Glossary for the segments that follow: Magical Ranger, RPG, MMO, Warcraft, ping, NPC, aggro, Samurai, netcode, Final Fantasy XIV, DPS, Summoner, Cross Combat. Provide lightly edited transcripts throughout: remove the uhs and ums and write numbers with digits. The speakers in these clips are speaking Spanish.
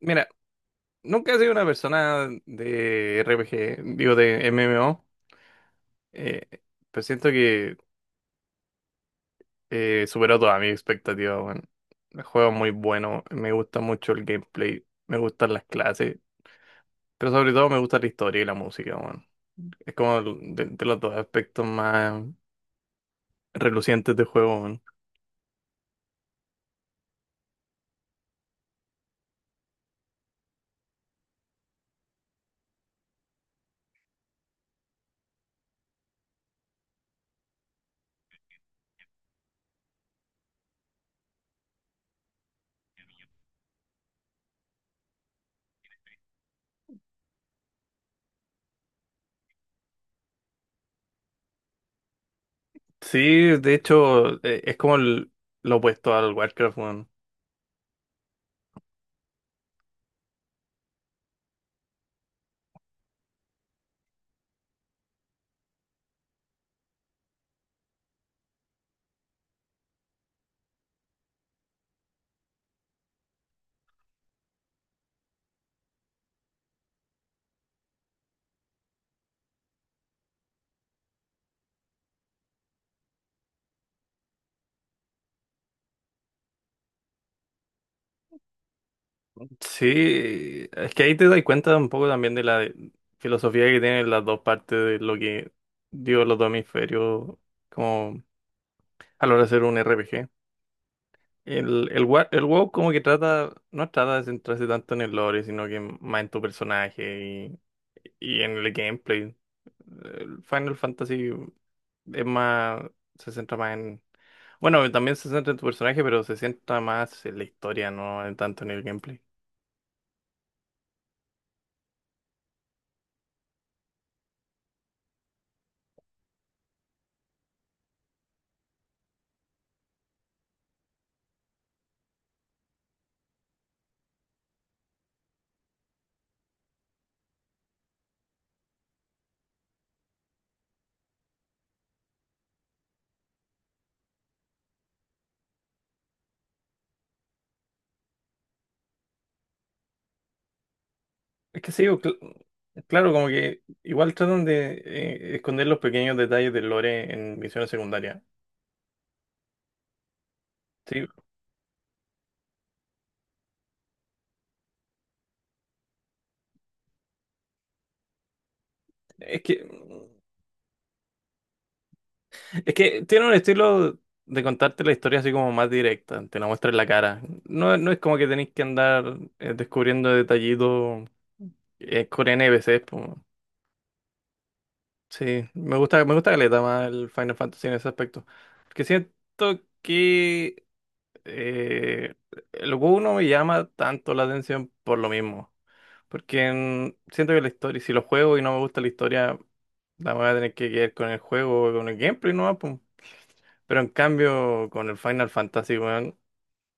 Mira, nunca he sido una persona de RPG, digo de MMO, eh, pero siento que superó todas mis expectativas, bueno. El juego es muy bueno, me gusta mucho el gameplay, me gustan las clases, pero sobre todo me gusta la historia y la música, bueno. Es como de los dos aspectos más relucientes del juego, bueno. Sí, de hecho, es como lo opuesto al Warcraft. Sí, es que ahí te das cuenta un poco también de la filosofía que tienen las dos partes de lo que dio los dos hemisferios como a la hora de hacer un RPG. El WoW como que trata, no trata de centrarse tanto en el lore, sino que más en tu personaje y en el gameplay. El Final Fantasy es más, se centra más en, bueno, también se centra en tu personaje, pero se centra más en la historia, no tanto en el gameplay. Es que sí, claro, como que igual tratan de esconder los pequeños detalles del lore en misiones secundarias. Sí, es que, es que tiene un estilo de contarte la historia así como más directa, te la muestra en la cara. No, no es como que tenéis que andar descubriendo detallitos, con NPCs, po. Sí, me gusta caleta más el Final Fantasy en ese aspecto. Porque siento que eh, el juego no me llama tanto la atención por lo mismo. Porque siento que la historia, si lo juego y no me gusta la historia, la voy a tener que quedar con el juego, con el gameplay, ¿no? Pum. Pero en cambio, con el Final Fantasy, weón,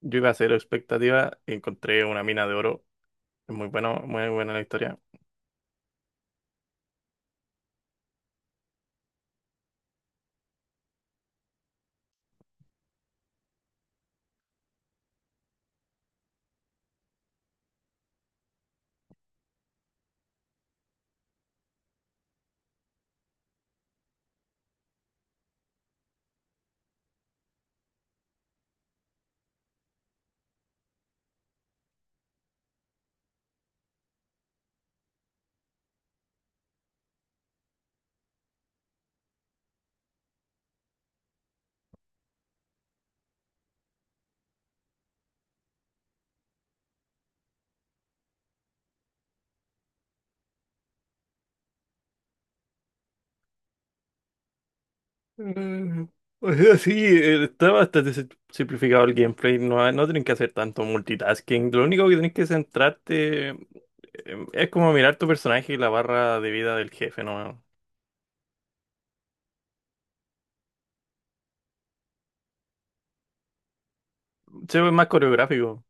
yo iba a cero expectativa y encontré una mina de oro. Es muy bueno, muy buena la historia. Mm. O sea, sí, está bastante simplificado el gameplay. No, no tienen que hacer tanto multitasking. Lo único que tienes que centrarte, es como mirar tu personaje y la barra de vida del jefe, ¿no? Se ve más coreográfico.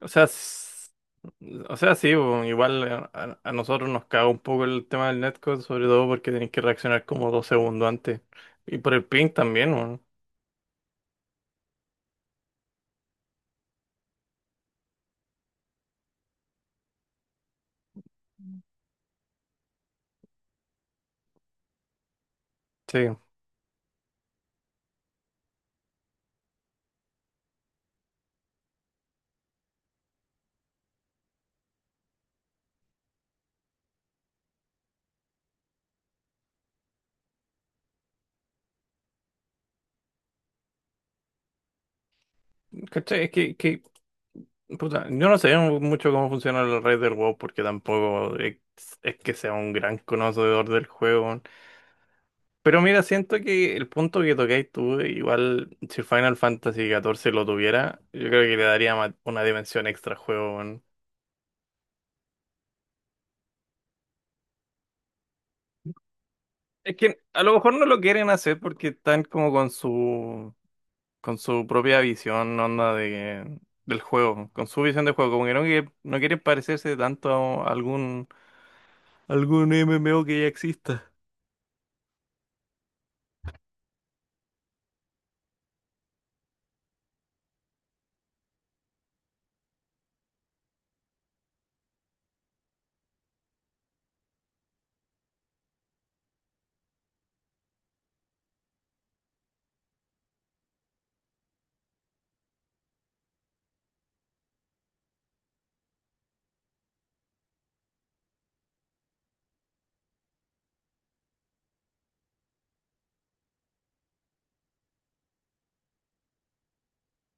O sea, s- o sea, sí, bo, igual a nosotros nos caga un poco el tema del netcode, sobre todo porque tenés que reaccionar como dos segundos antes. Y por el ping también, weón. Sí. ¿Cachai? Puta, yo no sé mucho cómo funciona la red del WoW porque tampoco es, es que sea un gran conocedor del juego. Pero mira, siento que el punto que tocáis tú, igual si Final Fantasy 14 lo tuviera, yo creo que le daría una dimensión extra al juego. Es que a lo mejor no lo quieren hacer porque están como con su propia visión, onda de del juego, con su visión de juego, como que no quieren parecerse tanto a algún MMO que ya exista.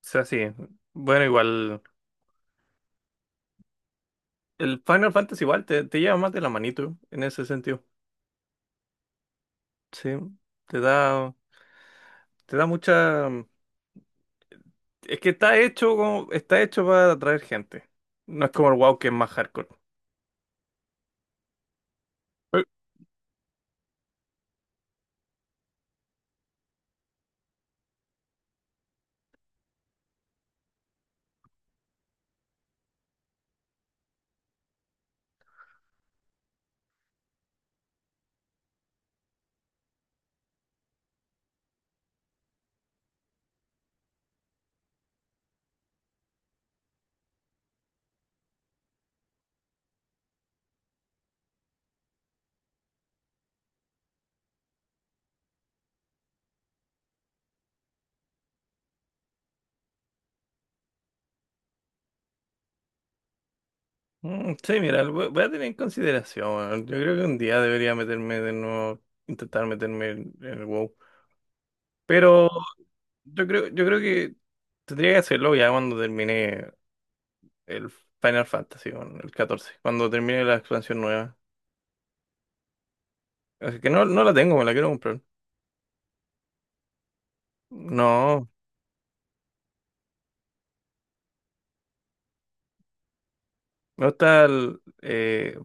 O sea, sí. Bueno, igual el Final Fantasy igual te, te lleva más de la manito en ese sentido. Sí, te da te da mucha es que está hecho, como está hecho para atraer gente. No es como el WoW que es más hardcore. Mm. Sí, mira, lo voy voy a tener en consideración, weón. Yo creo que un día debería meterme de nuevo, intentar meterme en el WoW. Pero yo creo que tendría que hacerlo ya cuando termine el Final Fantasy, bueno, el catorce, cuando termine la expansión nueva. Así que no, no la tengo, me la quiero comprar. No, me gusta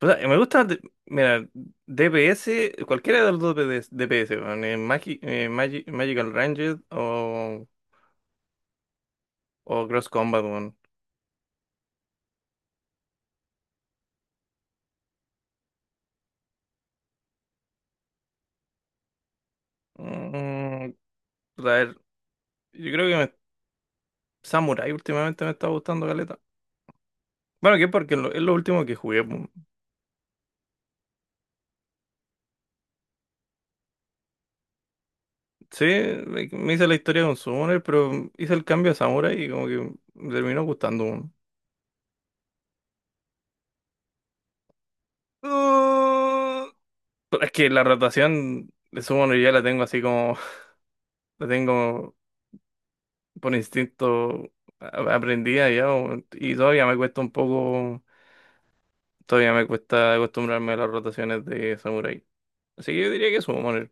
o sea, me gusta, mira, DPS, cualquiera de los dos PDS DPS, weón, Magical Ranger o Cross Combat, weón. Mm, a ver, yo creo que Samurai últimamente me está gustando caleta. Bueno, que porque es lo último que jugué, po. Sí, me hice la historia con Summoner, pero hice el cambio a Samurai y como que me terminó gustando, po. Mm, pero es que la rotación de Summoner ya la tengo así como, la tengo por instinto aprendida ya, po, y todavía me cuesta un poco, todavía me cuesta acostumbrarme a las rotaciones de Samurai. Así que yo diría que Summoner.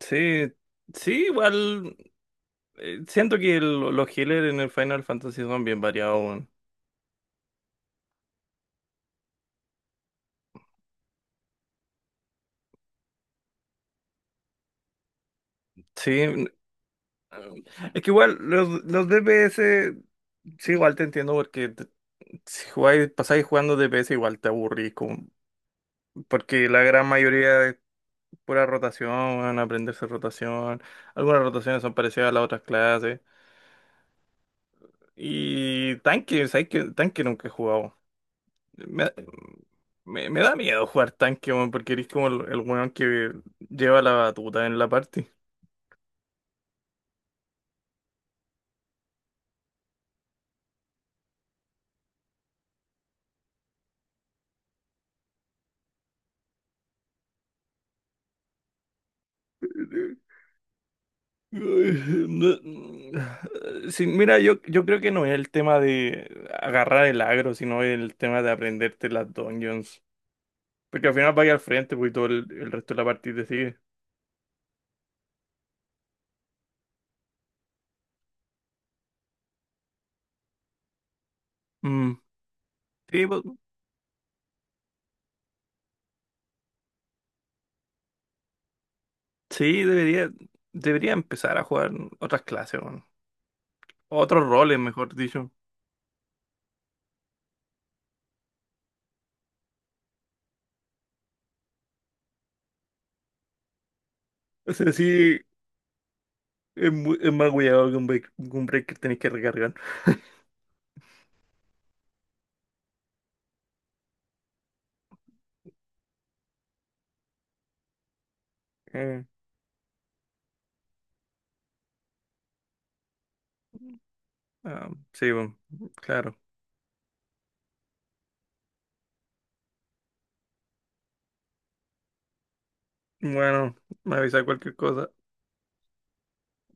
Sí, sí, igual siento que los healers en el Final Fantasy son bien variados, weón. Sí, es que igual los DPS, sí, igual te entiendo porque si jugáis, pasáis jugando DPS igual te aburrís, como porque la gran mayoría es pura rotación, weón, aprenderse rotación, algunas rotaciones son parecidas a las otras clases. Y tanque, ¿sabes qué? Tanque nunca he jugado. Me, me da miedo jugar tanque, weón, porque eres como el weón que lleva la batuta en la party. Ay, no. Sí, mira, yo creo que no es el tema de agarrar el agro, sino el tema de aprenderte las dungeons. Porque al final vaya al frente, pues y todo el resto de la partida te sigue. Mm. Sí, pues, sí, debería empezar a jugar otras clases, weón. Otros roles, mejor dicho. O sea, sí, es, es más cuidado que un break, que tenéis que recargar. Eh, sí, bueno, claro. Bueno, me avisa cualquier cosa.